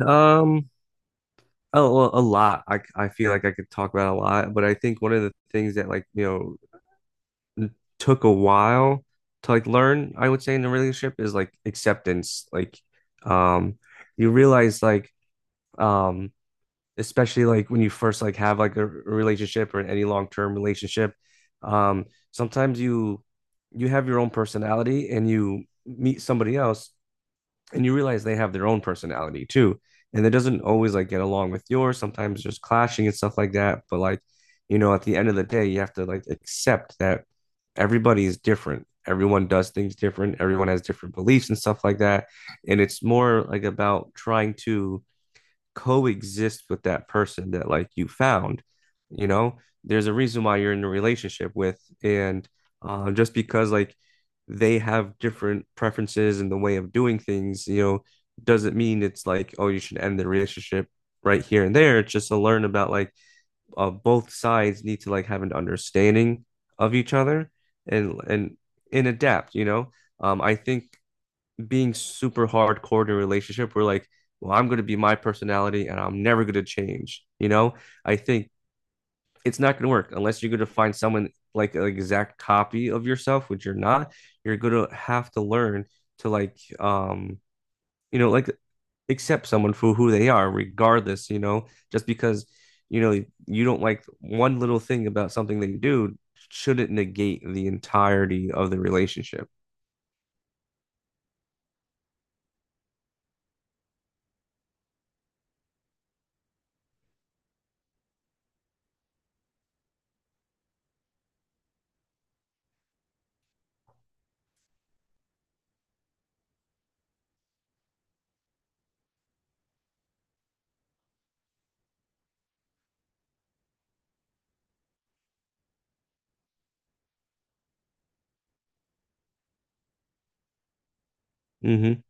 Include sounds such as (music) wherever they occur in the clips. Um, well, a lot. I feel like I could talk about a lot, but I think one of the things that like, took a while to like learn, I would say in a relationship is like acceptance. Like, um, you realize like, um, especially like when you first like have like a relationship or any long-term relationship, um, sometimes you have your own personality and you meet somebody else and you realize they have their own personality too, and it doesn't always like get along with yours. Sometimes there's clashing and stuff like that, but like at the end of the day you have to like accept that everybody is different. Everyone does things different. Everyone has different beliefs and stuff like that. And it's more like about trying to coexist with that person that like you found. You know, there's a reason why you're in a relationship with, and just because like they have different preferences and the way of doing things, doesn't mean it's like, oh, you should end the relationship right here and there. It's just to learn about like both sides need to like have an understanding of each other and and and adapt. I think being super hardcore in a relationship we're like, well, I'm going to be my personality and I'm never going to change, I think it's not going to work unless you're going to find someone like an exact copy of yourself which you're not you're going to have to learn to like like accept someone for who they are regardless, just because, you don't like one little thing about something that you do shouldn't negate the entirety of the relationship. Mm-hmm.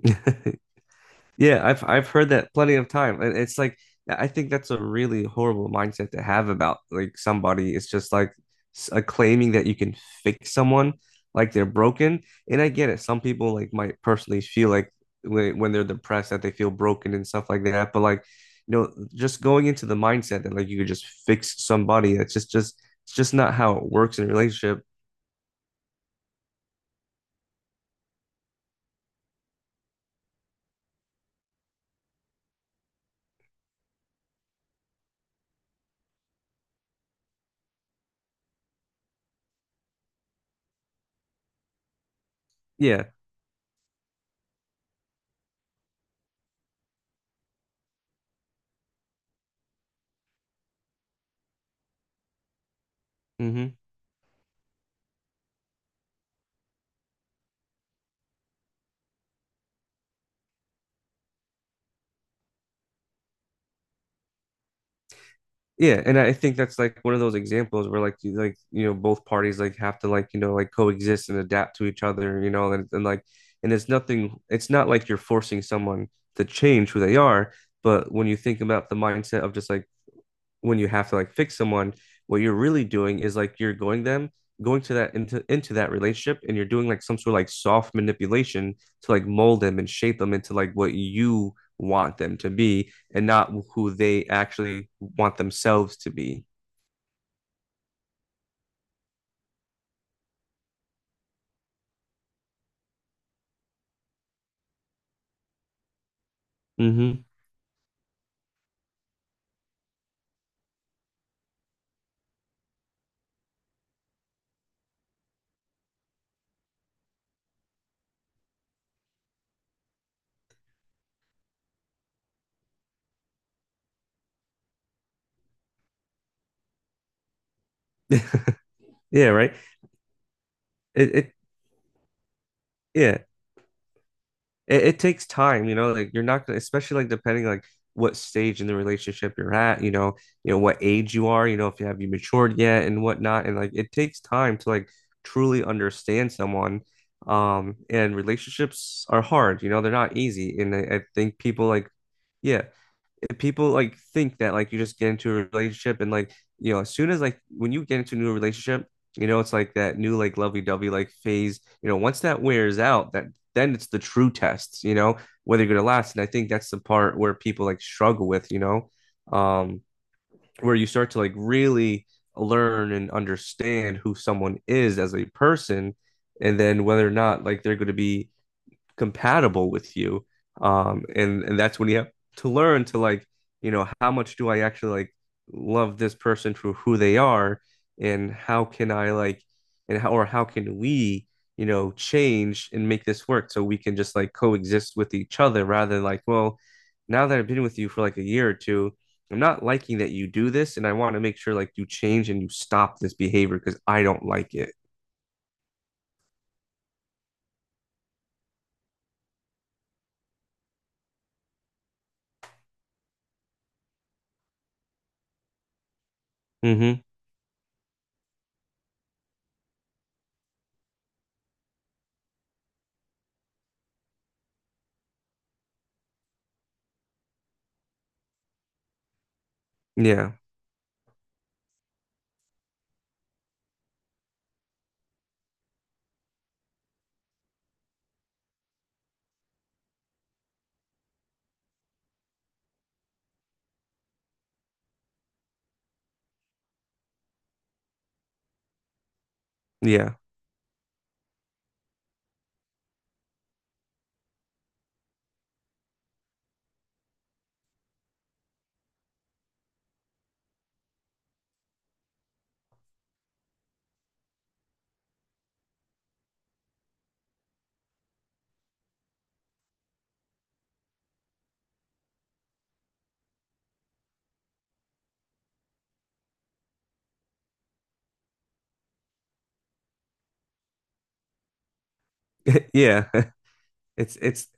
(laughs) Yeah, I've heard that plenty of time. And it's like, yeah, I think that's a really horrible mindset to have about like somebody. It's just like claiming that you can fix someone like they're broken. And I get it. Some people like might personally feel like when they're depressed that they feel broken and stuff like that. But like, just going into the mindset that like you could just fix somebody. That's just, it's just not how it works in a relationship. Yeah. Hmm. Yeah, and I think that's like one of those examples where like you like both parties like have to like like coexist and adapt to each other, and like and it's nothing, it's not like you're forcing someone to change who they are, but when you think about the mindset of just like when you have to like fix someone, what you're really doing is like you're going them going to that into that relationship and you're doing like some sort of like soft manipulation to like mold them and shape them into like what you want them to be and not who they actually want themselves to be. Hmm. (laughs) Yeah, right. It, yeah, it takes time, like you're not gonna, especially like depending like what stage in the relationship you're at, what age you are, if you have you matured yet and whatnot. And like it takes time to like truly understand someone. And relationships are hard, they're not easy. And I think people like, yeah, people like think that like you just get into a relationship and like, as soon as like when you get into a new relationship, it's like that new like lovey-dovey like phase, once that wears out, that then it's the true test, whether you're gonna last. And I think that's the part where people like struggle with, um where you start to like really learn and understand who someone is as a person and then whether or not like they're gonna be compatible with you. And that's when you have to learn to like, how much do I actually like love this person for who they are, and how can I like, and how or how can we, change and make this work so we can just like coexist with each other rather than like, well, now that I've been with you for like a year or two. I'm not liking that you do this, and I want to make sure like you change and you stop this behavior because I don't like it. Mm-hmm. Yeah, yeah, (laughs) yeah. (laughs) It's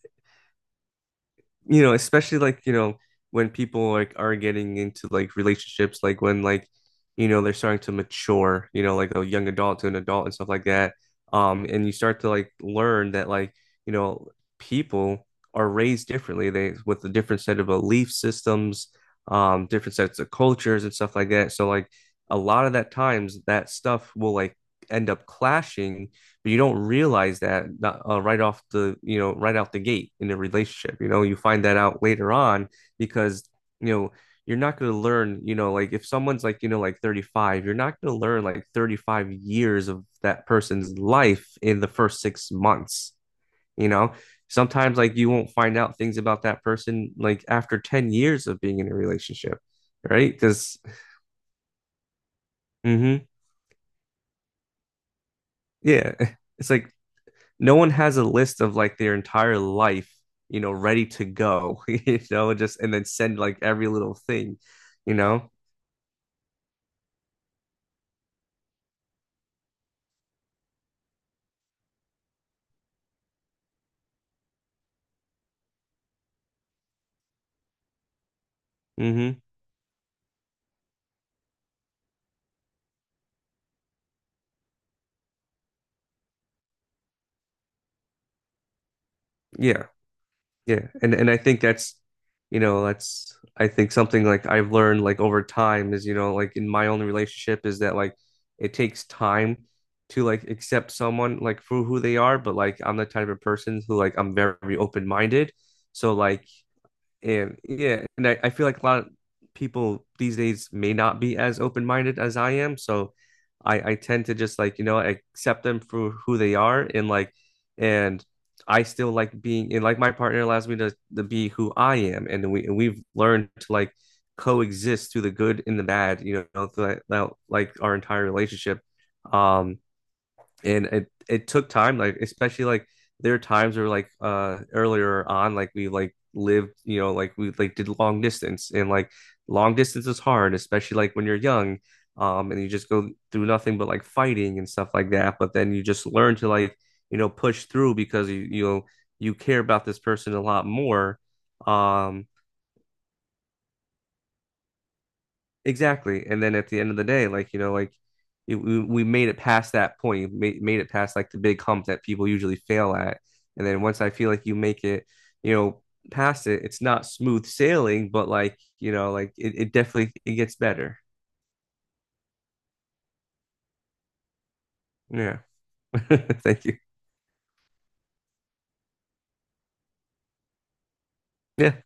especially like, when people like are getting into like relationships, like when like, they're starting to mature, like a young adult to an adult and stuff like that. And you start to like learn that like, you know, people are raised differently. They with a different set of belief systems, different sets of cultures and stuff like that. So like a lot of that times that stuff will like end up clashing but you don't realize that right off the, you know, right out the gate in a relationship. You find that out later on because, you know, you're not going to learn, like if someone's like, like 35, you're not going to learn like 35 years of that person's life in the first 6 months, you know? Sometimes like you won't find out things about that person like after 10 years of being in a relationship, right? Because, mm-hmm, yeah, (laughs) it's like no one has a list of like their entire life, ready to go, (laughs) just and then send like every little thing, you know? Mm-hmm. Yeah. Yeah. and I think that's I think something like I've learned like over time is, like in my own relationship is that like it takes time to like accept someone like for who they are, but like I'm the type of person who like I'm very open-minded. So like and yeah, and I feel like a lot of people these days may not be as open-minded as I am. So I tend to just like, accept them for who they are and like and I still like being and like my partner allows me to be who I am. And we and we've learned to like coexist through the good and the bad, throughout like our entire relationship. Um and it took time, like especially like there are times where like earlier on like we like lived, like we like did long distance and like long distance is hard, especially like when you're young, and you just go through nothing but like fighting and stuff like that, but then you just learn to like, push through because you care about this person a lot more. um Exactly. And then at the end of the day, like, like it, we made it past that point, made, made, it past like the big hump that people usually fail at. And then once I feel like you make it, you know, past it, it's not smooth sailing, but like, like it definitely it gets better. Yeah. (laughs) Thank you. Yeah.